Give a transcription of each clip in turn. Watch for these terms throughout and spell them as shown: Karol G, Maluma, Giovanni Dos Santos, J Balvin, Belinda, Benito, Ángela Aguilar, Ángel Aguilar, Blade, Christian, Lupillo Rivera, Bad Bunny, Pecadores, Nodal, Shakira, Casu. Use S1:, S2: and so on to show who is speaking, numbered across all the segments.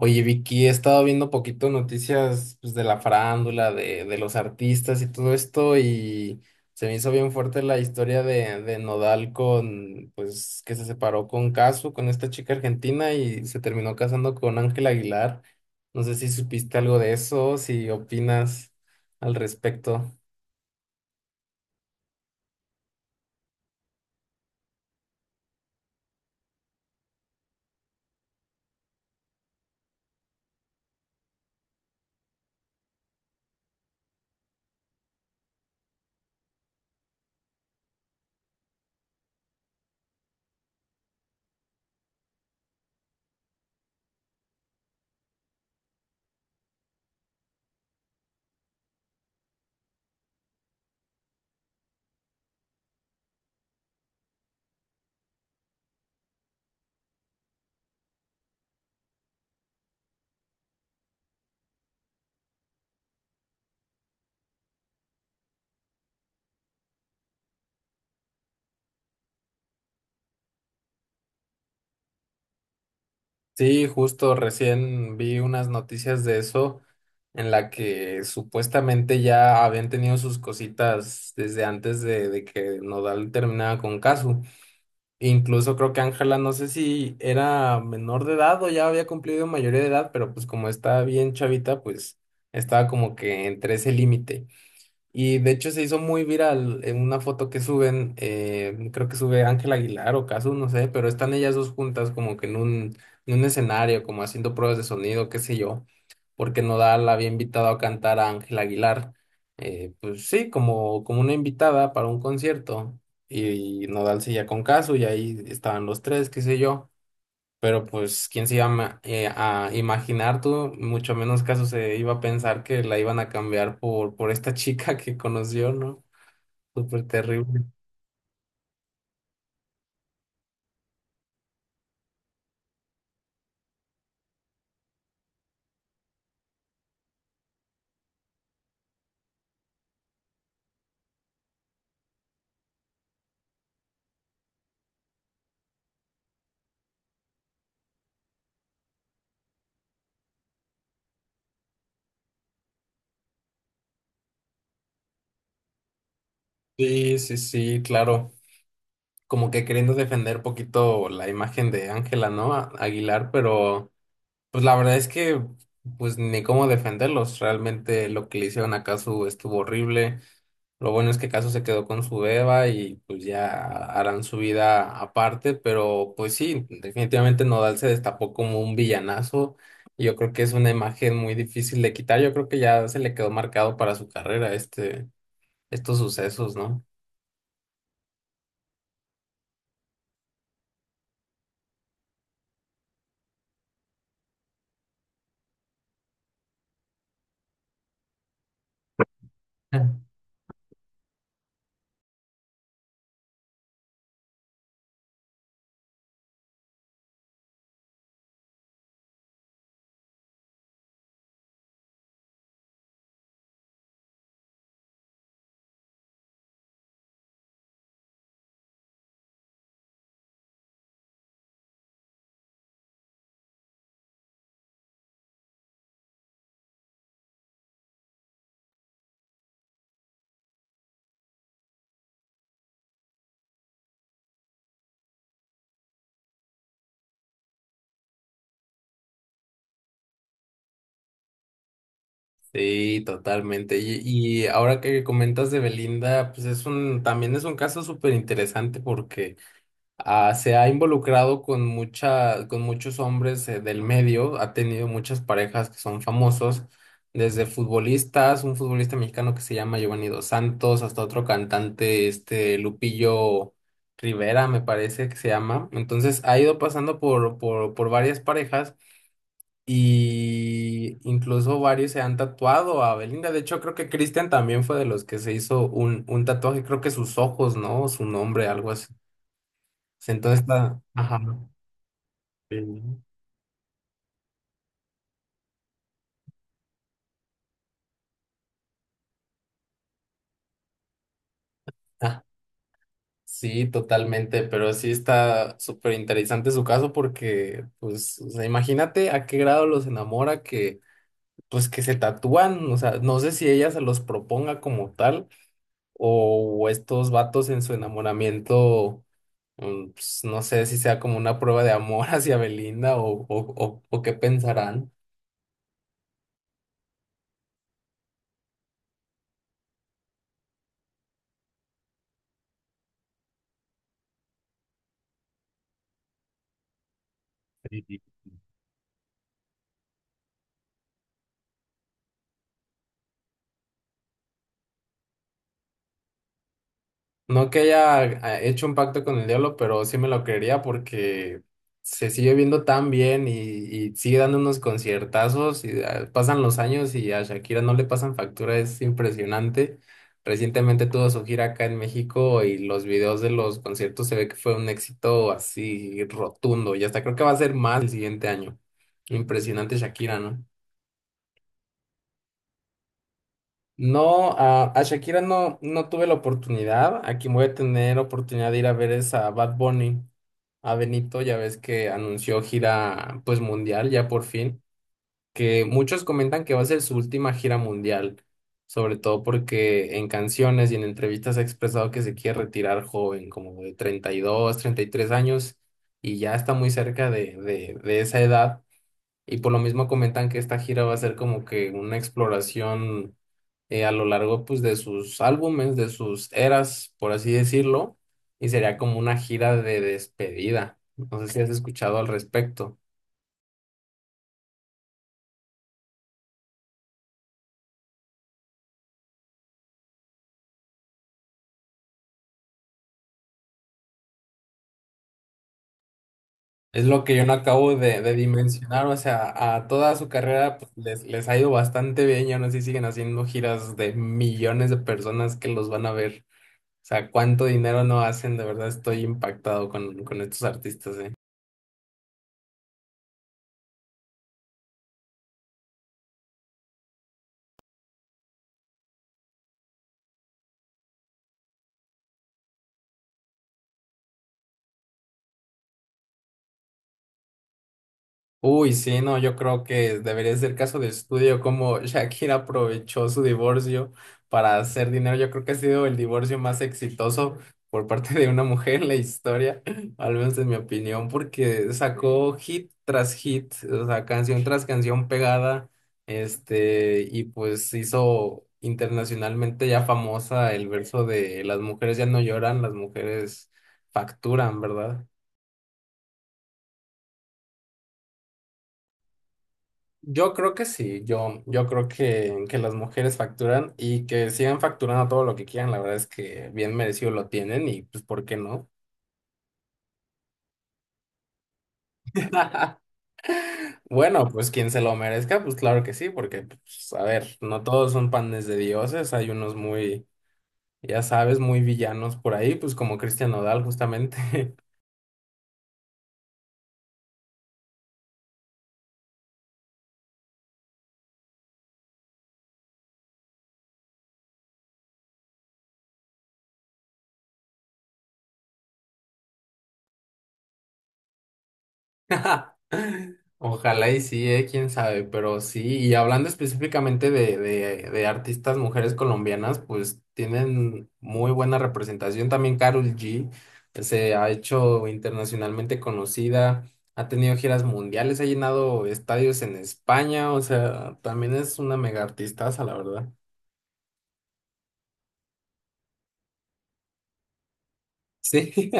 S1: Oye, Vicky, he estado viendo poquito noticias pues, de la farándula, de los artistas y todo esto, y se me hizo bien fuerte la historia de Nodal con, pues, que se separó con Casu, con esta chica argentina, y se terminó casando con Ángel Aguilar. No sé si supiste algo de eso, si opinas al respecto. Sí, justo recién vi unas noticias de eso en la que supuestamente ya habían tenido sus cositas desde antes de que Nodal terminara con Casu. Incluso creo que Ángela, no sé si era menor de edad o ya había cumplido mayoría de edad, pero pues como estaba bien chavita, pues estaba como que entre ese límite. Y de hecho se hizo muy viral en una foto que suben, creo que sube Ángel Aguilar o Casu, no sé, pero están ellas dos juntas como que en un escenario, como haciendo pruebas de sonido, qué sé yo, porque Nodal había invitado a cantar a Ángel Aguilar, pues sí, como, como una invitada para un concierto, y Nodal seguía con Casu y ahí estaban los tres, qué sé yo. Pero pues, ¿quién se iba a, a imaginar tú? Mucho menos caso se iba a pensar que la iban a cambiar por esta chica que conoció, ¿no? Súper terrible. Sí, sí, sí, claro. Como que queriendo defender poquito la imagen de Ángela, ¿no? Aguilar, pero pues la verdad es que pues ni cómo defenderlos. Realmente lo que le hicieron a Casu estuvo horrible. Lo bueno es que Caso se quedó con su Eva y pues ya harán su vida aparte, pero pues sí, definitivamente Nodal se destapó como un villanazo y yo creo que es una imagen muy difícil de quitar. Yo creo que ya se le quedó marcado para su carrera este, estos sucesos, ¿no? Mm. Sí, totalmente. Y y ahora que comentas de Belinda, pues es un, también es un caso súper interesante porque se ha involucrado con mucha, con muchos hombres del medio, ha tenido muchas parejas que son famosos, desde futbolistas, un futbolista mexicano que se llama Giovanni Dos Santos, hasta otro cantante, este Lupillo Rivera, me parece que se llama. Entonces ha ido pasando por varias parejas y incluso varios se han tatuado a Belinda. De hecho, creo que Christian también fue de los que se hizo un tatuaje, creo que sus ojos, ¿no? Su nombre, algo así. Entonces está, ajá. Sí. Ah, sí, totalmente, pero sí está súper interesante su caso porque, pues, o sea, imagínate a qué grado los enamora que, pues, que se tatúan, o sea, no sé si ella se los proponga como tal o estos vatos en su enamoramiento, pues, no sé si sea como una prueba de amor hacia Belinda o qué pensarán. No que haya hecho un pacto con el diablo, pero sí me lo creería porque se sigue viendo tan bien y sigue dando unos conciertazos y pasan los años y a Shakira no le pasan factura, es impresionante. Recientemente tuvo su gira acá en México y los videos de los conciertos se ve que fue un éxito así rotundo y hasta creo que va a ser más el siguiente año. Impresionante Shakira, ¿no? No, a Shakira no, no tuve la oportunidad. Aquí voy a tener oportunidad de ir a ver es a Bad Bunny, a Benito, ya ves que anunció gira pues mundial ya por fin, que muchos comentan que va a ser su última gira mundial, sobre todo porque en canciones y en entrevistas ha expresado que se quiere retirar joven, como de treinta, treinta y dos, treinta y tres años, y ya está muy cerca de esa edad. Y por lo mismo comentan que esta gira va a ser como que una exploración a lo largo pues de sus álbumes, de sus eras, por así decirlo, y sería como una gira de despedida. No sé si has escuchado al respecto. Es lo que yo no acabo de dimensionar, o sea, a toda su carrera pues, les ha ido bastante bien y aún así siguen haciendo giras de millones de personas que los van a ver. O sea, cuánto dinero no hacen, de verdad estoy impactado con estos artistas, ¿eh? Uy, sí, no, yo creo que debería ser caso de estudio como Shakira aprovechó su divorcio para hacer dinero. Yo creo que ha sido el divorcio más exitoso por parte de una mujer en la historia, al menos en mi opinión, porque sacó hit tras hit, o sea, canción tras canción pegada, este, y pues hizo internacionalmente ya famosa el verso de las mujeres ya no lloran, las mujeres facturan, ¿verdad? Yo creo que sí, yo creo que las mujeres facturan y que sigan facturando todo lo que quieran, la verdad es que bien merecido lo tienen y pues ¿por qué no? Bueno, pues quien se lo merezca, pues claro que sí, porque pues, a ver, no todos son panes de dioses, hay unos muy, ya sabes, muy villanos por ahí, pues como Cristian Nodal justamente. Ojalá y sí, quién sabe, pero sí, y hablando específicamente de artistas mujeres colombianas, pues tienen muy buena representación. También Karol G se ha hecho internacionalmente conocida, ha tenido giras mundiales, ha llenado estadios en España, o sea, también es una mega artistaza, la verdad. Sí,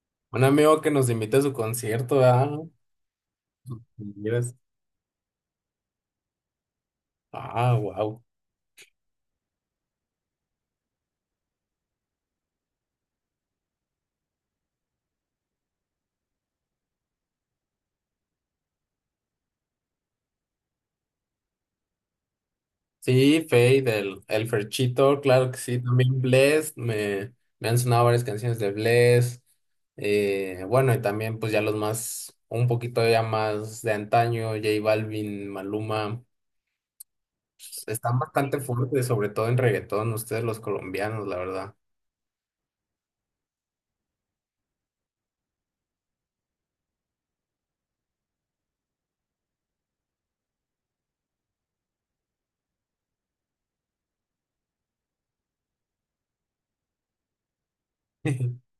S1: un amigo que nos invite a su concierto, ah. Mira, ah, wow. Sí, Fade, el Ferchito, claro que sí, también Bless, me han sonado varias canciones de Bless, bueno, y también pues ya los más, un poquito ya más de antaño, J Balvin, Maluma, pues, están bastante fuertes, sobre todo en reggaetón, ustedes los colombianos, la verdad.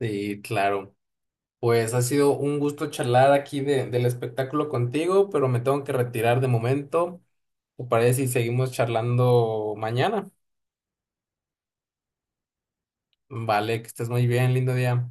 S1: Sí, claro. Pues ha sido un gusto charlar aquí de, del espectáculo contigo, pero me tengo que retirar de momento. ¿Te parece si seguimos charlando mañana? Vale, que estés muy bien, lindo día.